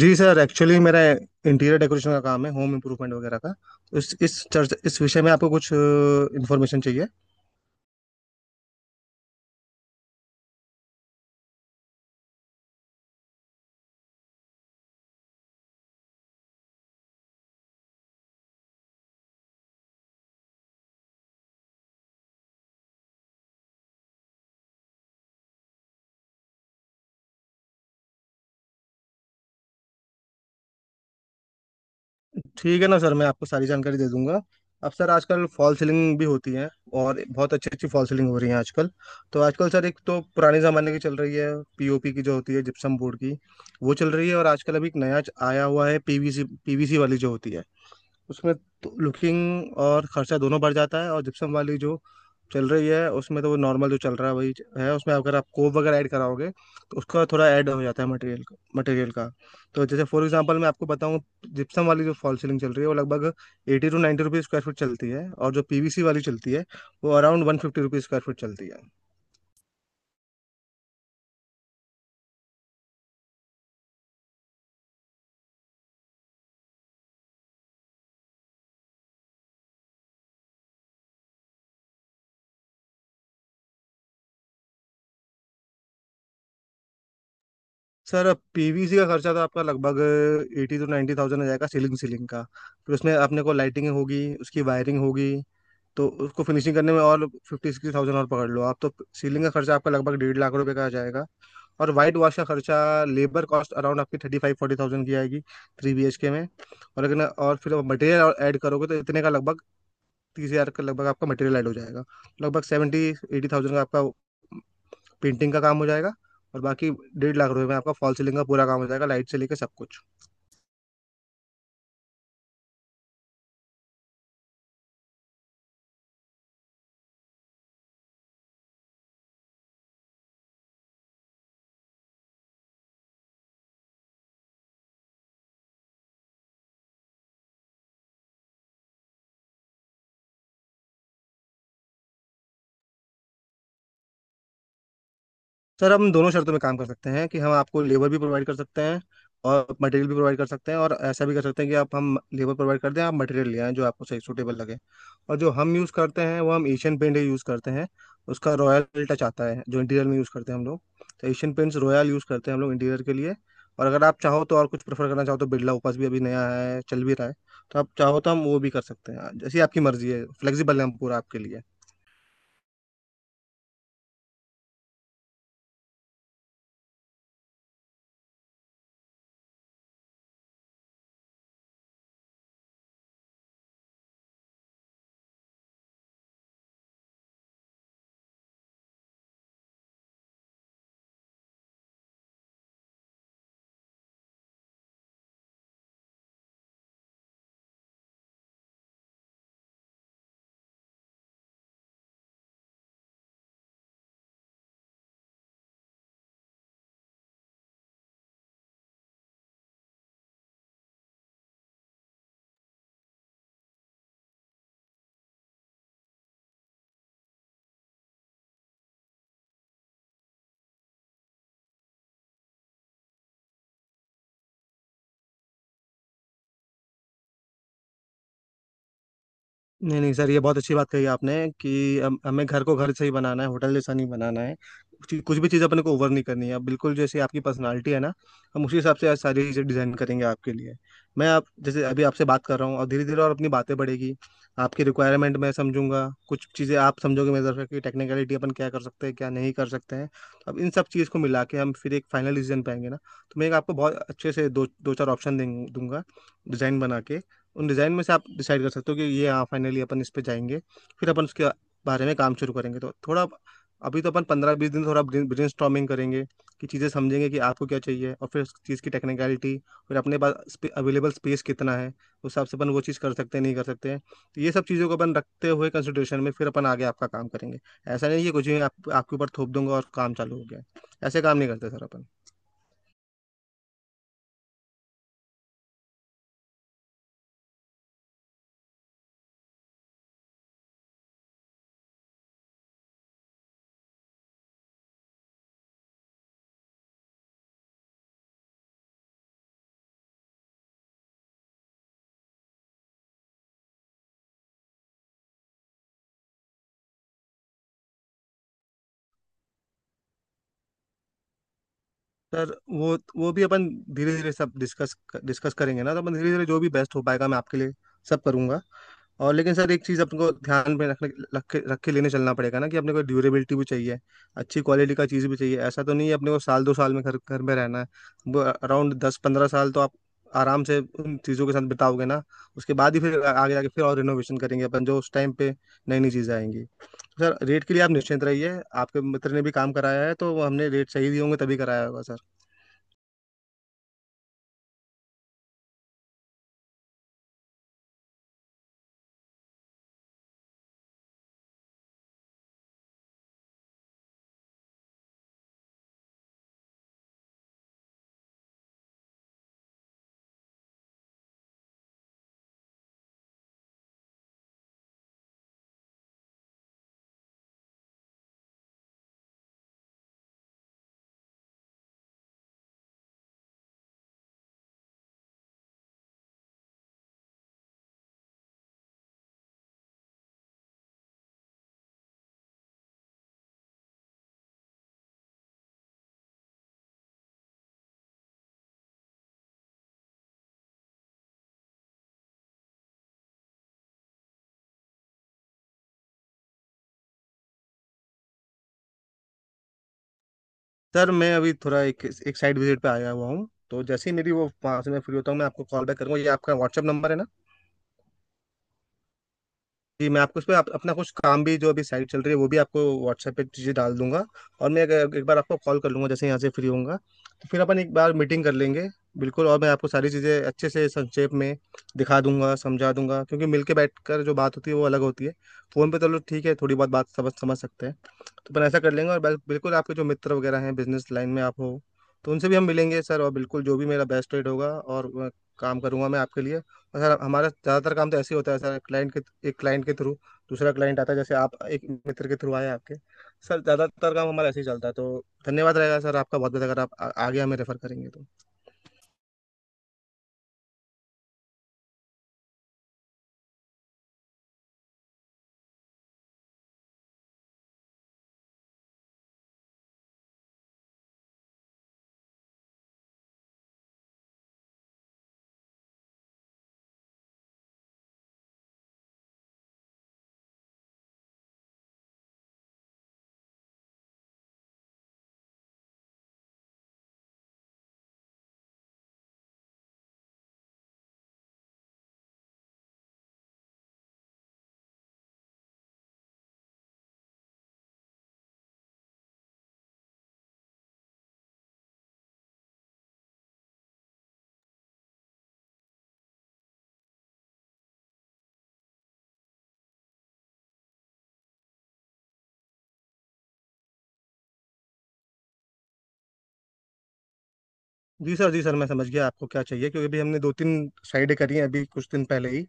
जी sir actually मेरा interior decoration का काम है, होम इम्प्रूवमेंट वगैरह का। तो इस विषय में आपको कुछ इन्फॉर्मेशन चाहिए? ठीक है ना सर, मैं आपको सारी जानकारी दे दूंगा। अब सर आजकल फॉल सीलिंग भी होती है, और बहुत अच्छी अच्छी फॉल सीलिंग हो रही है आजकल। तो आजकल सर, एक तो पुराने ज़माने की चल रही है, पीओपी की जो होती है, जिप्सम बोर्ड की। वो चल रही है, और आजकल अभी एक नया आया हुआ है पीवीसी पीवीसी वाली जो होती है उसमें तो लुकिंग और खर्चा दोनों बढ़ जाता है। और जिप्सम वाली जो चल रही है उसमें तो वो नॉर्मल जो चल रहा है वही है। उसमें अगर आप कोप वगैरह ऐड कराओगे तो उसका थोड़ा ऐड हो जाता है मटेरियल का मटेरियल का। तो जैसे फॉर एग्जांपल मैं आपको बताऊं, जिप्सम वाली जो फॉल सीलिंग चल रही है वो लगभग 80-90 रुपीज़ स्क्वायर फीट चलती है, और जो पीवीसी वाली चलती है वो अराउंड 150 रुपीज़ स्क्वायर फीट चलती है। सर अब पीवीसी का खर्चा तो आपका लगभग 80-90 हज़ार आ जाएगा, सीलिंग सीलिंग का। फिर उसमें अपने को लाइटिंग होगी, उसकी वायरिंग होगी। तो उसको फिनिशिंग करने में और 50-60 हज़ार और पकड़ लो आप, तो सीलिंग का खर्चा आपका लगभग 1.5 लाख रुपए का आ जाएगा। और वाइट वॉश का खर्चा, लेबर कॉस्ट अराउंड आपकी 35-40 हज़ार की आएगी थ्री बी एच के में। और अगर और फिर मटेरियल ऐड करोगे तो इतने का लगभग 30 हजार का लगभग आपका मटेरियल ऐड हो जाएगा। लगभग 70-80 हज़ार का आपका पेंटिंग का काम हो जाएगा। और बाकी 1.5 लाख रुपए में आपका फॉल सीलिंग का पूरा काम हो जाएगा, लाइट से लेकर सब कुछ। सर हम दोनों शर्तों में काम कर सकते हैं, कि हम आपको लेबर भी प्रोवाइड कर सकते हैं और मटेरियल भी प्रोवाइड कर सकते हैं, और ऐसा भी कर सकते हैं कि आप हम लेबर प्रोवाइड कर दें, आप मटेरियल ले आएं जो आपको सही सूटेबल लगे। और जो हम यूज़ करते हैं वो हम एशियन पेंट ही यूज़ करते हैं। उसका रॉयल टच आता है, जो इंटीरियर में यूज़ करते हैं हम लोग। तो एशियन पेंट्स रॉयल यूज़ करते हैं हम लोग इंटीरियर के लिए। और अगर आप चाहो तो और कुछ प्रेफर करना चाहो तो बिरला ओपस भी अभी नया है, चल भी रहा है। तो आप चाहो तो हम वो भी कर सकते हैं, जैसी आपकी मर्जी है, फ्लेक्सिबल है हम पूरा आपके लिए। नहीं नहीं सर, ये बहुत अच्छी बात कही आपने, कि हमें घर को घर से ही बनाना है, होटल जैसा नहीं बनाना है। कुछ कुछ भी चीज़ अपने को ओवर नहीं करनी है। अब बिल्कुल जैसे आपकी पर्सनालिटी है ना, हम उसी हिसाब से आज सारी चीज़ें डिजाइन करेंगे आपके लिए। मैं आप जैसे अभी आपसे बात कर रहा हूँ, और धीरे धीरे और अपनी बातें बढ़ेगी, आपकी रिक्वायरमेंट मैं समझूंगा, कुछ चीज़ें आप समझोगे मेरे तरफ की टेक्निकलिटी, अपन क्या कर सकते हैं क्या नहीं कर सकते हैं। तो अब इन सब चीज़ को मिला के हम फिर एक फाइनल डिसीजन पाएंगे ना। तो मैं एक आपको बहुत अच्छे से दो दो चार ऑप्शन दूंगा डिजाइन बना के। उन डिज़ाइन में से आप डिसाइड कर सकते हो कि ये हाँ, फाइनली अपन इस पे जाएंगे। फिर अपन उसके बारे में काम शुरू करेंगे। तो थोड़ा अभी तो अपन 15-20 दिन थोड़ा ब्रेन करेंगे, कि चीज़ें समझेंगे कि आपको क्या चाहिए, और फिर उस चीज़ की टेक्निकलिटी, फिर अपने पास अवेलेबल स्पेस कितना है उस हिसाब से अपन वो चीज़ कर सकते हैं नहीं कर सकते हैं। तो ये सब चीज़ों को अपन रखते हुए कंसिडरेशन में फिर अपन आगे आपका काम करेंगे। ऐसा नहीं है कि कुछ ही आपके ऊपर थोप दूंगा और काम चालू हो गया। ऐसे काम नहीं करते सर अपन। सर वो भी अपन धीरे धीरे सब डिस्कस डिस्कस करेंगे ना। तो अपन धीरे धीरे जो भी बेस्ट हो पाएगा मैं आपके लिए सब करूंगा। और लेकिन सर एक चीज़ अपने को ध्यान में रखने रख के लेने चलना पड़ेगा ना, कि अपने को ड्यूरेबिलिटी भी चाहिए, अच्छी क्वालिटी का चीज़ भी चाहिए। ऐसा तो नहीं है अपने को साल दो साल में घर घर में रहना है। वो अराउंड 10-15 साल तो आप आराम से उन चीज़ों के साथ बिताओगे ना। उसके बाद ही फिर आगे जाके फिर और रिनोवेशन करेंगे अपन, जो उस टाइम पे नई नई चीज़ें आएंगी। सर रेट के लिए आप निश्चिंत रहिए, आपके मित्र ने भी काम कराया है तो हमने रेट सही दिए होंगे तभी कराया होगा सर। सर मैं अभी थोड़ा एक एक साइड विजिट पे आया हुआ हूँ, तो जैसे ही मेरी वो, वहाँ से मैं फ्री होता हूँ मैं आपको कॉल बैक करूंगा। ये आपका व्हाट्सएप नंबर है ना? जी मैं आपको उस पर अपना कुछ काम भी जो अभी साइट चल रही है वो भी आपको व्हाट्सएप पे चीज़ें डाल दूंगा। और मैं एक बार आपको कॉल कर लूंगा जैसे यहाँ से फ्री होऊंगा। तो फिर अपन एक बार मीटिंग कर लेंगे। बिल्कुल, और मैं आपको सारी चीज़ें अच्छे से संक्षेप में दिखा दूंगा, समझा दूंगा, क्योंकि मिलके बैठकर जो बात होती है वो अलग होती है। फ़ोन पे तो लोग ठीक है थोड़ी बहुत बात समझ समझ सकते हैं। तो अपन ऐसा कर लेंगे, और बिल्कुल आपके जो मित्र वगैरह हैं बिजनेस लाइन में आप हो, तो उनसे भी हम मिलेंगे सर। और बिल्कुल जो भी मेरा बेस्ट रेट होगा और मैं काम करूंगा मैं आपके लिए। और सर हमारा ज़्यादातर काम तो ऐसे ही होता है सर, क्लाइंट के, एक क्लाइंट के थ्रू दूसरा क्लाइंट आता है, जैसे आप एक मित्र के थ्रू आए आपके। सर ज़्यादातर काम हमारा ऐसे ही चलता है। तो धन्यवाद रहेगा सर आपका बहुत बहुत, अगर आप आगे हमें रेफर करेंगे तो। जी सर जी सर, मैं समझ गया आपको क्या चाहिए, क्योंकि अभी हमने 2-3 साइडें करी हैं अभी कुछ दिन पहले ही।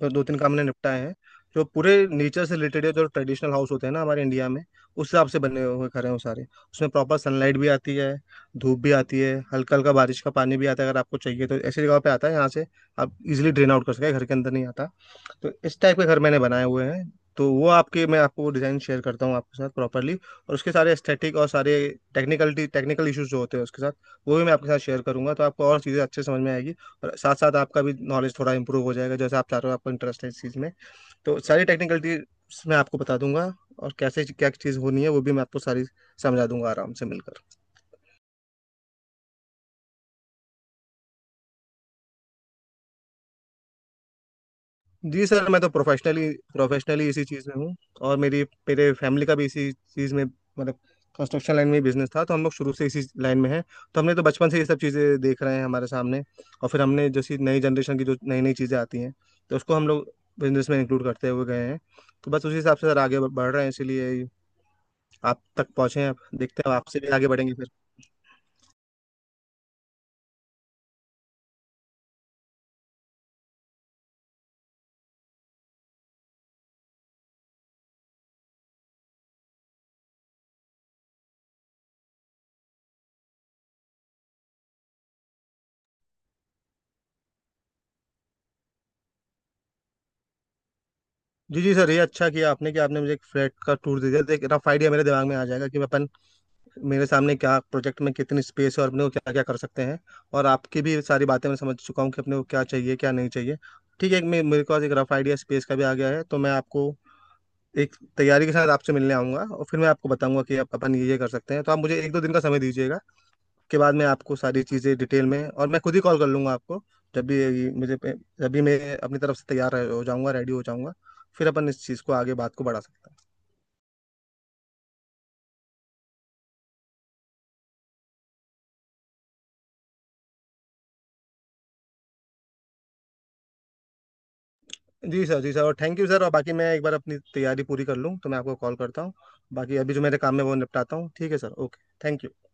तो 2-3 काम हमने निपटाए हैं जो पूरे नेचर से रिलेटेड है। जो ट्रेडिशनल हाउस होते हैं ना हमारे इंडिया में, उस हिसाब से बने हुए घर हैं वो सारे। उसमें प्रॉपर सनलाइट भी आती है, धूप भी आती है, हल्का हल्का बारिश का पानी भी आता है, अगर आपको चाहिए तो ऐसी जगह पे आता है, यहाँ से आप इजिली ड्रेन आउट कर सकते हैं, घर के अंदर नहीं आता। तो इस टाइप के घर मैंने बनाए हुए हैं। तो वो आपके, मैं आपको डिज़ाइन शेयर करता हूँ आपके साथ प्रॉपरली, और उसके सारे एस्थेटिक और सारे टेक्निकल टेक्निकल इश्यूज जो होते हैं उसके साथ, वो भी मैं आपके साथ शेयर करूंगा। तो आपको और चीज़ें अच्छे समझ में आएगी, और साथ साथ आपका भी नॉलेज थोड़ा इंप्रूव हो जाएगा। जैसे आप चाह रहे हो आपको इंटरेस्ट है इस चीज़ में, तो सारी टेक्निकलिटीज मैं आपको बता दूंगा, और कैसे क्या चीज़ होनी है वो भी मैं आपको सारी समझा दूंगा आराम से मिलकर। जी सर मैं तो प्रोफेशनली प्रोफेशनली इसी चीज़ में हूँ, और मेरी, मेरे फैमिली का भी इसी चीज़ में मतलब कंस्ट्रक्शन लाइन में ही बिजनेस था। तो हम लोग शुरू से इसी लाइन में हैं। तो हमने तो बचपन से ये सब चीज़ें देख रहे हैं हमारे सामने। और फिर हमने जैसी नई जनरेशन की जो नई नई चीज़ें आती हैं तो उसको हम लोग बिजनेस में इंक्लूड करते हुए गए हैं। तो बस उसी हिसाब से सर आगे बढ़ रहे हैं, इसीलिए आप तक पहुँचे हैं, आप देखते हैं, आपसे भी आगे बढ़ेंगे फिर। जी जी सर, ये अच्छा किया आपने कि आपने मुझे एक फ्लैट का टूर दे दिया, तो एक रफ आइडिया मेरे दिमाग में आ जाएगा कि अपन, मेरे सामने क्या प्रोजेक्ट में कितनी स्पेस है और अपने को क्या क्या कर सकते हैं। और आपकी भी सारी बातें मैं समझ चुका हूँ कि अपने को क्या चाहिए क्या नहीं चाहिए। ठीक है, एक मेरे पास एक रफ आइडिया स्पेस का भी आ गया है। तो मैं आपको एक तैयारी के साथ आपसे मिलने आऊंगा, और फिर मैं आपको बताऊंगा कि आप अपन ये कर सकते हैं। तो आप मुझे 1-2 दिन का समय दीजिएगा, के बाद मैं आपको सारी चीज़ें डिटेल में, और मैं खुद ही कॉल कर लूंगा आपको जब भी मुझे, जब भी मैं अपनी तरफ से तैयार हो जाऊंगा, रेडी हो जाऊंगा, फिर अपन इस चीज़ को आगे बात को बढ़ा सकते हैं। जी सर जी सर, और थैंक यू सर, और बाकी मैं एक बार अपनी तैयारी पूरी कर लूँ तो मैं आपको कॉल करता हूँ। बाकी अभी जो मेरे काम में वो निपटाता हूँ। ठीक है सर, ओके। Thank you.